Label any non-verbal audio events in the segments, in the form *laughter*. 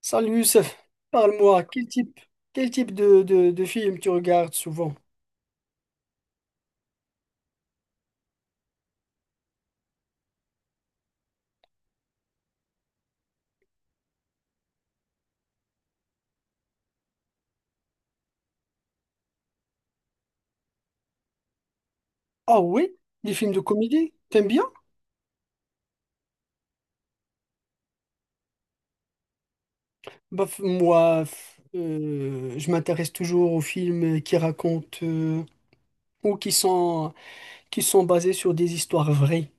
Salut Youssef, parle-moi, quel type de films tu regardes souvent? Ah oui, des films de comédie, t'aimes bien? Je m'intéresse toujours aux films qui racontent, ou qui sont basés sur des histoires vraies.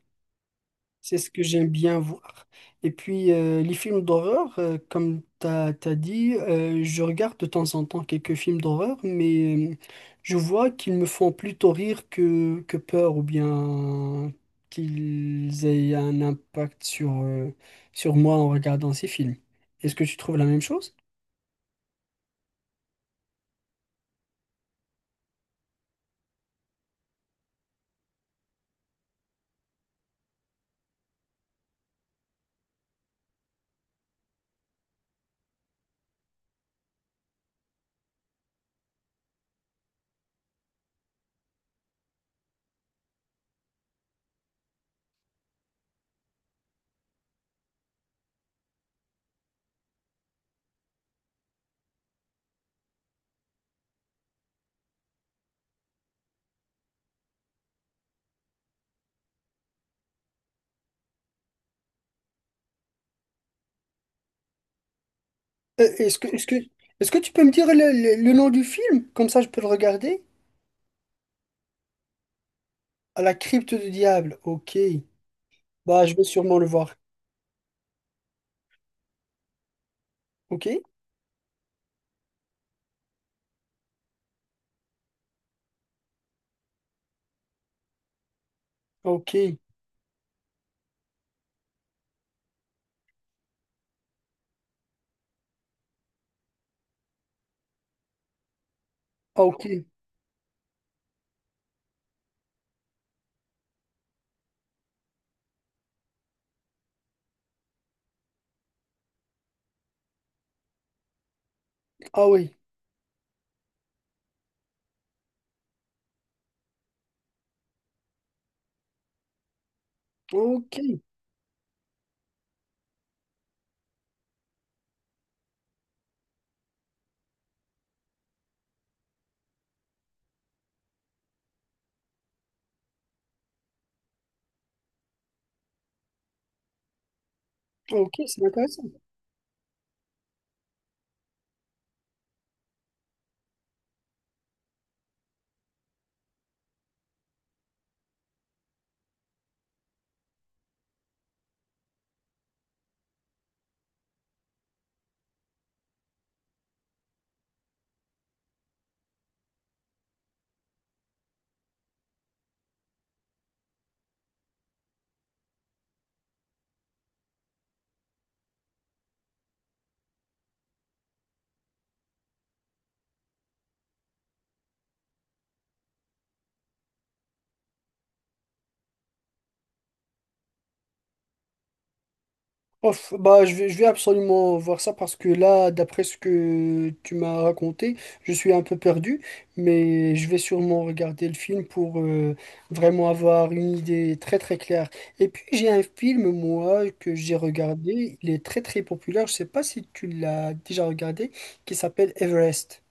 C'est ce que j'aime bien voir. Et puis, les films d'horreur, comme tu as dit, je regarde de temps en temps quelques films d'horreur, mais je vois qu'ils me font plutôt rire que peur, ou bien qu'ils aient un impact sur, sur moi en regardant ces films. Est-ce que tu trouves la même chose? Euh, Est-ce que, est-ce que, Est-ce que tu peux me dire le, le nom du film? Comme ça, je peux le regarder. À la crypte du diable. Ok. Bah, je vais sûrement le voir. Ok. Ok. Ah, ok. Ah oui. Ok. Ok, c'est intéressant. Ouf, bah, je vais absolument voir ça parce que là, d'après ce que tu m'as raconté, je suis un peu perdu, mais je vais sûrement regarder le film pour vraiment avoir une idée très très claire. Et puis j'ai un film, moi, que j'ai regardé, il est très très populaire, je sais pas si tu l'as déjà regardé, qui s'appelle Everest.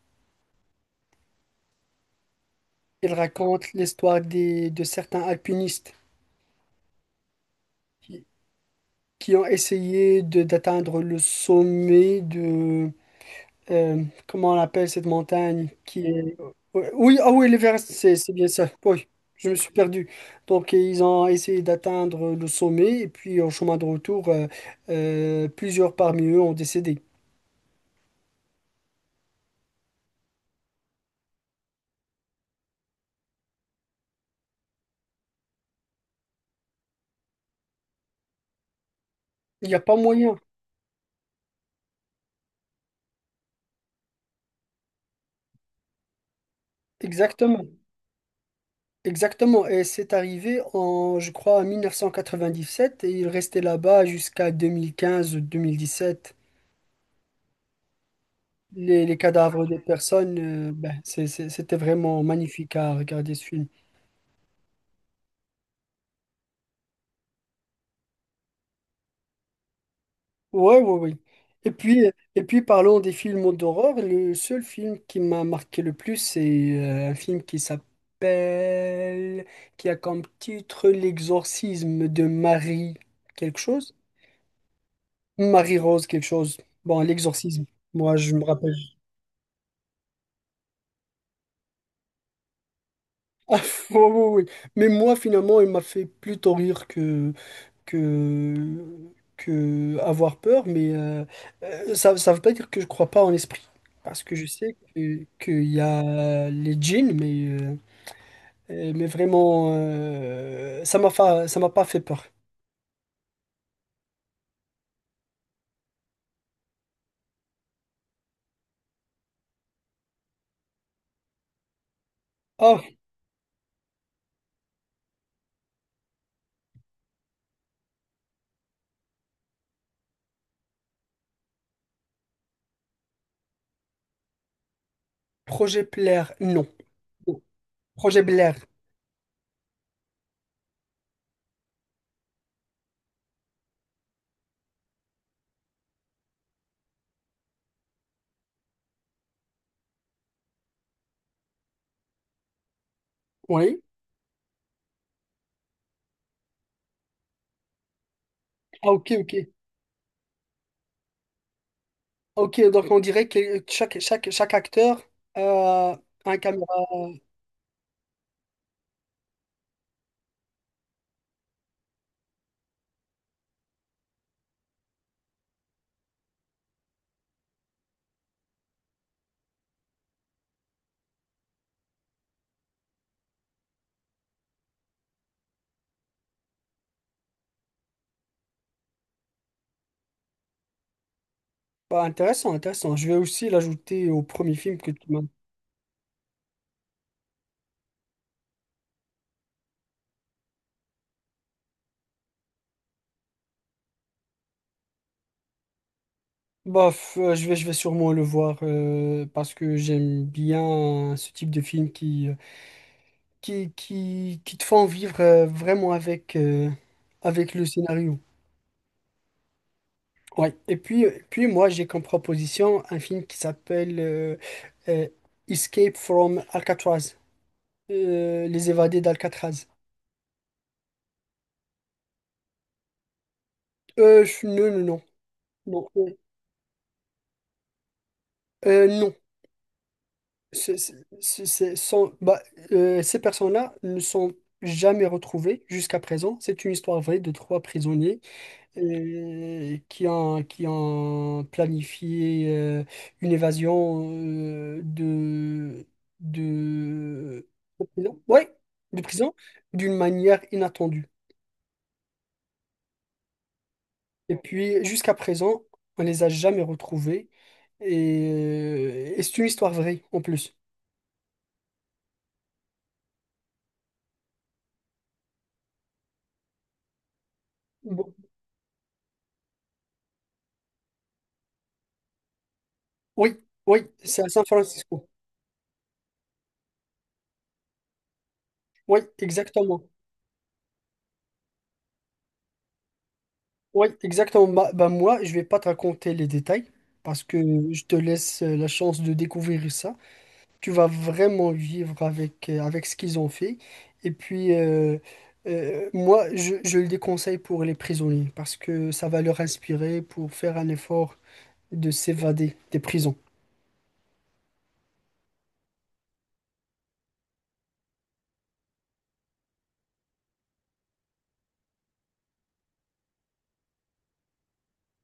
Il raconte l'histoire de certains alpinistes qui, qui ont essayé d'atteindre le sommet, comment on appelle cette montagne qui est... ouais, Oui, ah oui, l'Everest, c'est bien ça. Oui, je me suis perdu. Donc, ils ont essayé d'atteindre le sommet et puis en chemin de retour, plusieurs parmi eux ont décédé. Il n'y a pas moyen. Exactement. Exactement. Et c'est arrivé en, je crois, en 1997, et ils restaient là-bas jusqu'à 2015-2017. Les cadavres des personnes, c'était vraiment magnifique à regarder ce film. Ouais, ouais, oui. Et puis parlons des films d'horreur. Le seul film qui m'a marqué le plus, c'est un film qui s'appelle, qui a comme titre L'exorcisme de Marie quelque chose. Marie-Rose quelque chose. Bon, l'exorcisme. Moi, je me rappelle. Ah, *laughs* oui, oui, oui. Mais moi, finalement, il m'a fait plutôt rire que, que avoir peur, mais ça ne veut pas dire que je crois pas en l'esprit. Parce que je sais que, qu'il y a les djinns, mais vraiment, ça m'a pas fait peur. Ah, projet Blair, non. Non. Projet Blair, oui. Ah, ok, ok. Ah, ok, donc on dirait que chaque acteur a un caméra. Bah, intéressant, intéressant. Je vais aussi l'ajouter au premier film que tu m'as... Bof, je vais sûrement le voir parce que j'aime bien ce type de film qui, qui te font vivre, vraiment avec, avec le scénario. Ouais. Et puis moi, j'ai comme proposition un film qui s'appelle euh, Escape from Alcatraz, euh, Les évadés d'Alcatraz. Non, non, non. Non, non. ce- ce- Ce sont, ces personnes-là ne sont jamais retrouvées jusqu'à présent. C'est une histoire vraie de trois prisonniers qui ont planifié, une évasion, de, de prison, ouais, de prison, d'une manière inattendue. Et puis, jusqu'à présent, on les a jamais retrouvés. Et c'est une histoire vraie en plus. Bon. Oui, oui, c'est à San Francisco. Oui, exactement. Oui, exactement. Bah, moi, je vais pas te raconter les détails parce que je te laisse, la chance de découvrir ça. Tu vas vraiment vivre avec, avec ce qu'ils ont fait. Et puis, moi, je le déconseille pour les prisonniers parce que ça va leur inspirer pour faire un effort de s'évader des prisons.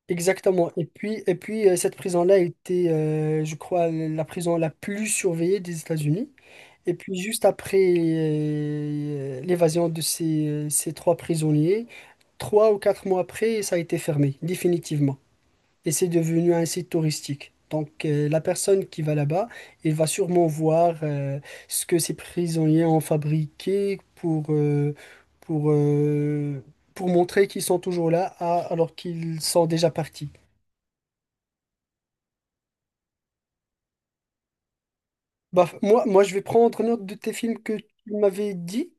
Exactement. Et puis cette prison-là était, je crois, la prison la plus surveillée des États-Unis. Et puis juste après l'évasion de ces, ces trois prisonniers, trois ou quatre mois après, ça a été fermé, définitivement. Et c'est devenu un site touristique. Donc la personne qui va là-bas, elle va sûrement voir ce que ces prisonniers ont fabriqué pour, pour, euh, pour montrer qu'ils sont toujours là à... alors qu'ils sont déjà partis. Bah, moi, je vais prendre note de tes films que tu m'avais dit.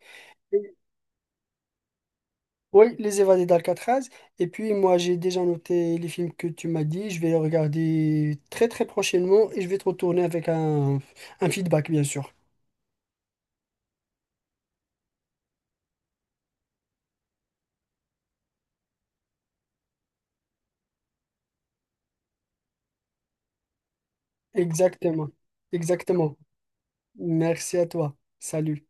Oui, Les Évadés d'Alcatraz. Et puis moi, j'ai déjà noté les films que tu m'as dit. Je vais les regarder très très prochainement et je vais te retourner avec un feedback, bien sûr. Exactement. Exactement. Merci à toi. Salut.